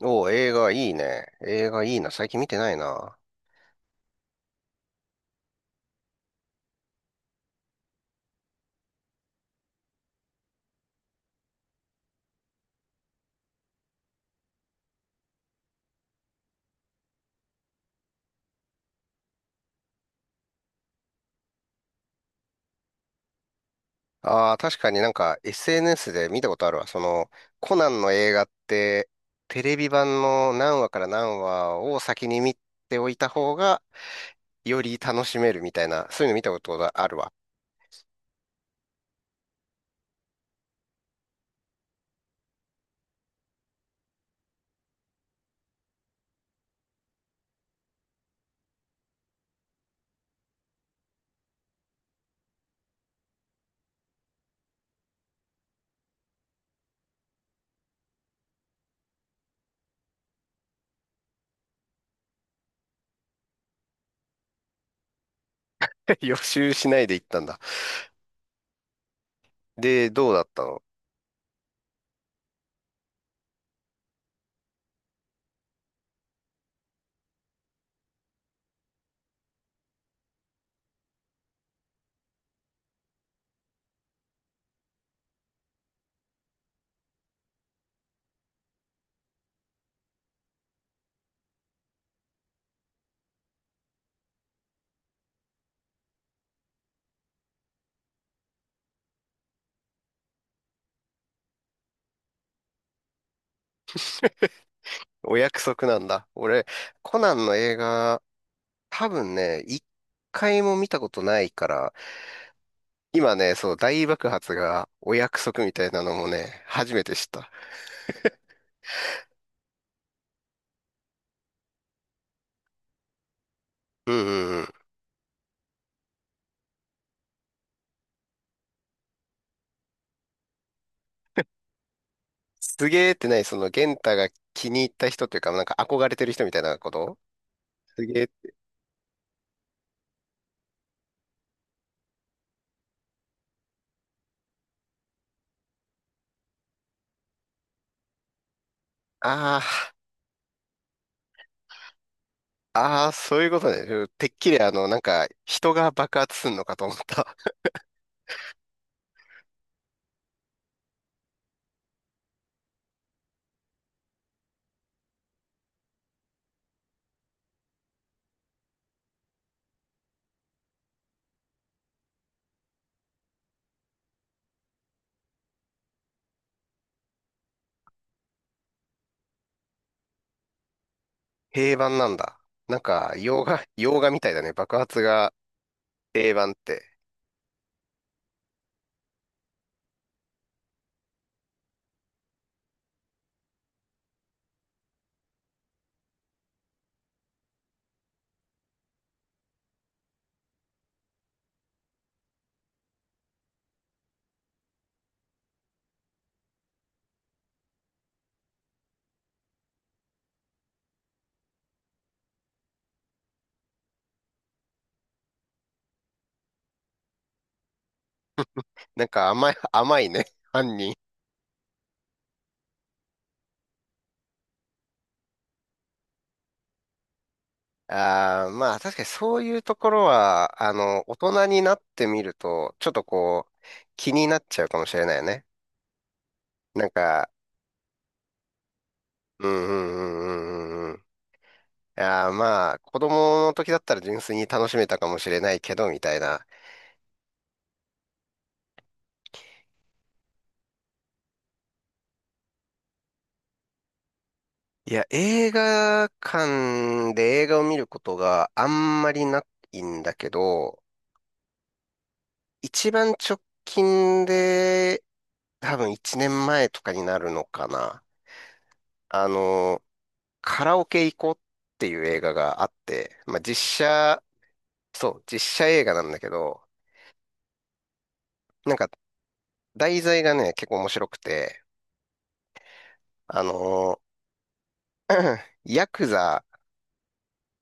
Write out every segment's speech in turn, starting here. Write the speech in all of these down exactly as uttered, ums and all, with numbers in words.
おー映画いいね。映画いいな。最近見てないな。ああ、確かになんか エスエヌエス で見たことあるわ。その、コナンの映画って、テレビ版の何話から何話を先に見ておいた方が、より楽しめるみたいな、そういうの見たことがあるわ。予習しないで行ったんだ。で、どうだったの？お約束なんだ。俺、コナンの映画多分ね、一回も見たことないから、今ね、そう、大爆発がお約束みたいなのもね、初めて知った。うんうんうん。すげーってない、その、元太が気に入った人というか、なんか憧れてる人みたいなこと？すげー。ああ、ああ、そういうことね。うんてっきりあの、なんか、人が爆発すんのかと思った。平板なんだ。なんか、洋画、洋画みたいだね。爆発が平板って。なんか甘い、甘いね。犯人。ああ、まあ確かにそういうところは、あの、大人になってみると、ちょっとこう、気になっちゃうかもしれないよね。なんか、うんうんうんうんうんうん。いやーまあ、子供の時だったら純粋に楽しめたかもしれないけど、みたいな。いや、映画館で映画を見ることがあんまりないんだけど、一番直近で、多分いちねんまえとかになるのかな。あの、カラオケ行こうっていう映画があって、まあ、実写、そう、実写映画なんだけど、なんか題材がね、結構面白くて、あのー ヤクザ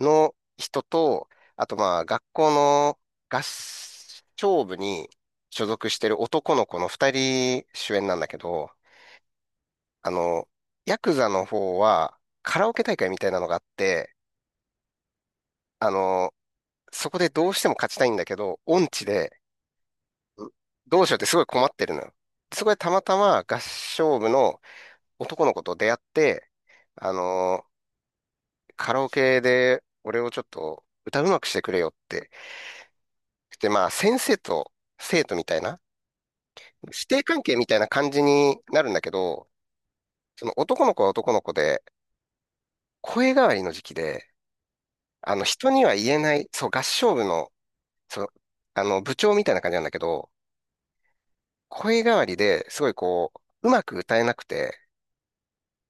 の人と、あとまあ学校の合唱部に所属してる男の子の二人主演なんだけど、あのヤクザの方はカラオケ大会みたいなのがあって、あのそこでどうしても勝ちたいんだけど、音痴で、どうしようってすごい困ってるのよ。そこでたまたま合唱部の男の子と出会って、あのーカラオケで俺をちょっと歌うまくしてくれよって。で、まあ先生と生徒みたいな、師弟関係みたいな感じになるんだけど、その男の子は男の子で、声変わりの時期で、あの人には言えない、そう合唱部の、そう、あの部長みたいな感じなんだけど、声変わりですごいこう、うまく歌えなくて、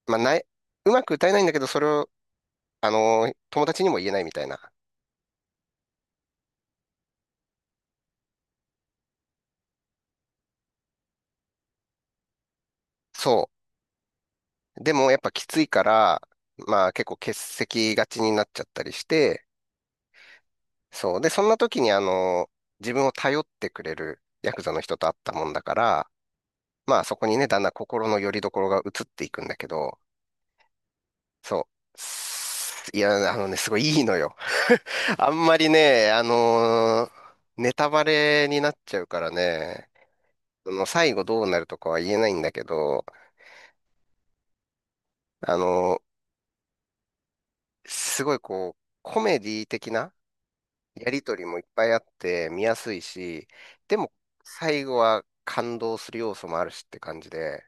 まあ、ない、うまく歌えないんだけど、それを、あのー友達にも言えないみたいな。そう。でも、やっぱきついから、まあ、結構欠席がちになっちゃったりして、そう。で、そんな時に、あのー自分を頼ってくれるヤクザの人と会ったもんだから、まあ、そこにね、だんだん心の拠り所が移っていくんだけど、そう。すいや、あのね、すごいいいのよ。あんまりね、あのーネタバレになっちゃうからね、その最後どうなるとかは言えないんだけど、あの、すごいこう、コメディ的なやりとりもいっぱいあって見やすいし、でも最後は感動する要素もあるしって感じで、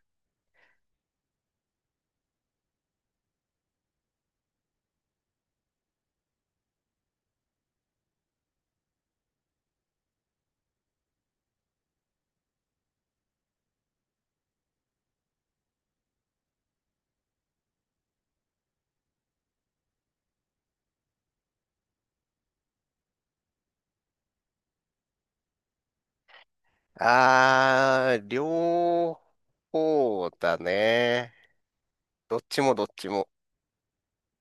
あー、両方だね。どっちもどっちも。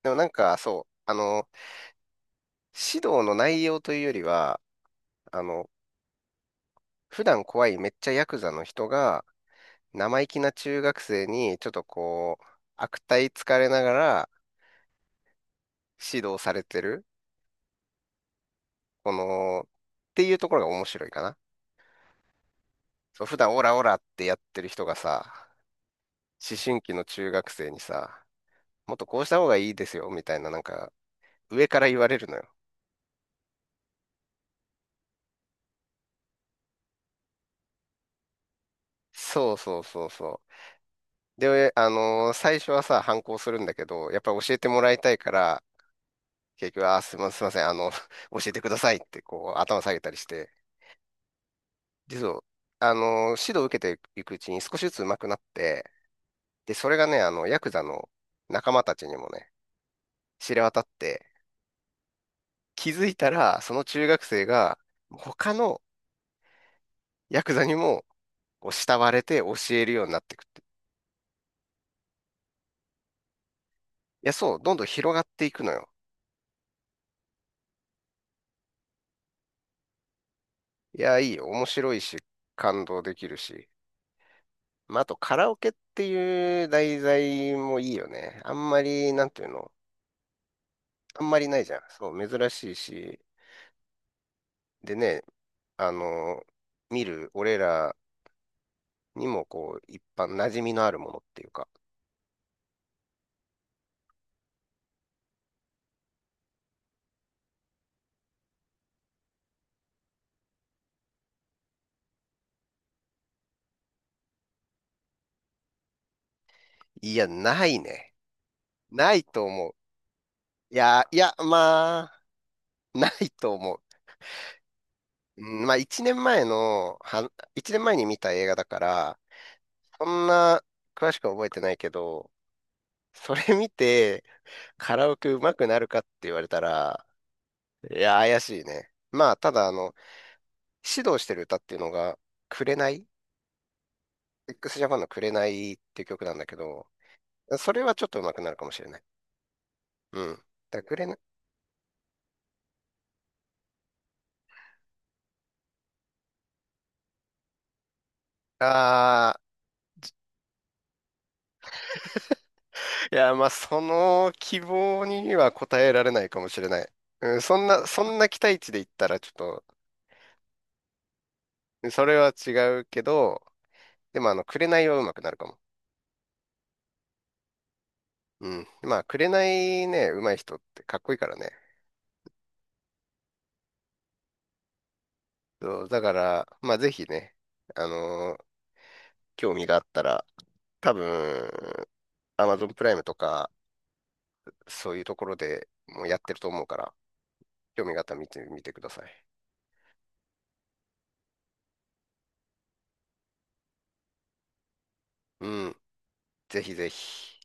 でもなんかそう、あの、指導の内容というよりは、あの、普段怖いめっちゃヤクザの人が生意気な中学生にちょっとこう、悪態つかれながら指導されてる。この、っていうところが面白いかな。そう、普段オラオラってやってる人がさ、思春期の中学生にさ、もっとこうした方がいいですよ、みたいな、なんか、上から言われるのよ。そうそうそうそう。で、あのー最初はさ、反抗するんだけど、やっぱり教えてもらいたいから、結局、あー、すいません、すいません、あの、教えてくださいって、こう、頭下げたりして、で、そう、あのー指導を受けていくうちに少しずつ上手くなって、で、それがね、あの、ヤクザの仲間たちにもね、知れ渡って、気づいたら、その中学生が、他のヤクザにも、こう、慕われて教えるようになってくって。いや、そう、どんどん広がっていくのよ。いや、いいよ、面白いし、感動できるし。まあ、あと、カラオケっていう題材もいいよね。あんまり、なんていうの、あんまりないじゃん。そう、珍しいし。でね、あの、見る俺らにも、こう、一般馴染みのあるものっていうか。いや、ないね。ないと思う。いや、いや、まあ、ないと思う。うんまあ、1年前の、は、いちねんまえに見た映画だから、そんな詳しくは覚えてないけど、それ見てカラオケ上手くなるかって言われたら、いや、怪しいね。まあ、ただ、あの、指導してる歌っていうのが、紅 ?XJAPAN の紅っていう曲なんだけど、それはちょっと上手くなるかもしれない。うん。だから紅、ああ、いや、まあ、その希望には応えられないかもしれない。うん、そんな、そんな期待値で言ったら、ちょっとそれは違うけど、でもあの、紅は上手くなるかも。うん。まあ、紅ね、上手い人ってかっこいいからね。そう、だから、まあ、ぜひね、あのー興味があったら、多分、Amazon プライムとか、そういうところでもうやってると思うから、興味があったら見てみてください。うん。ぜひぜひ。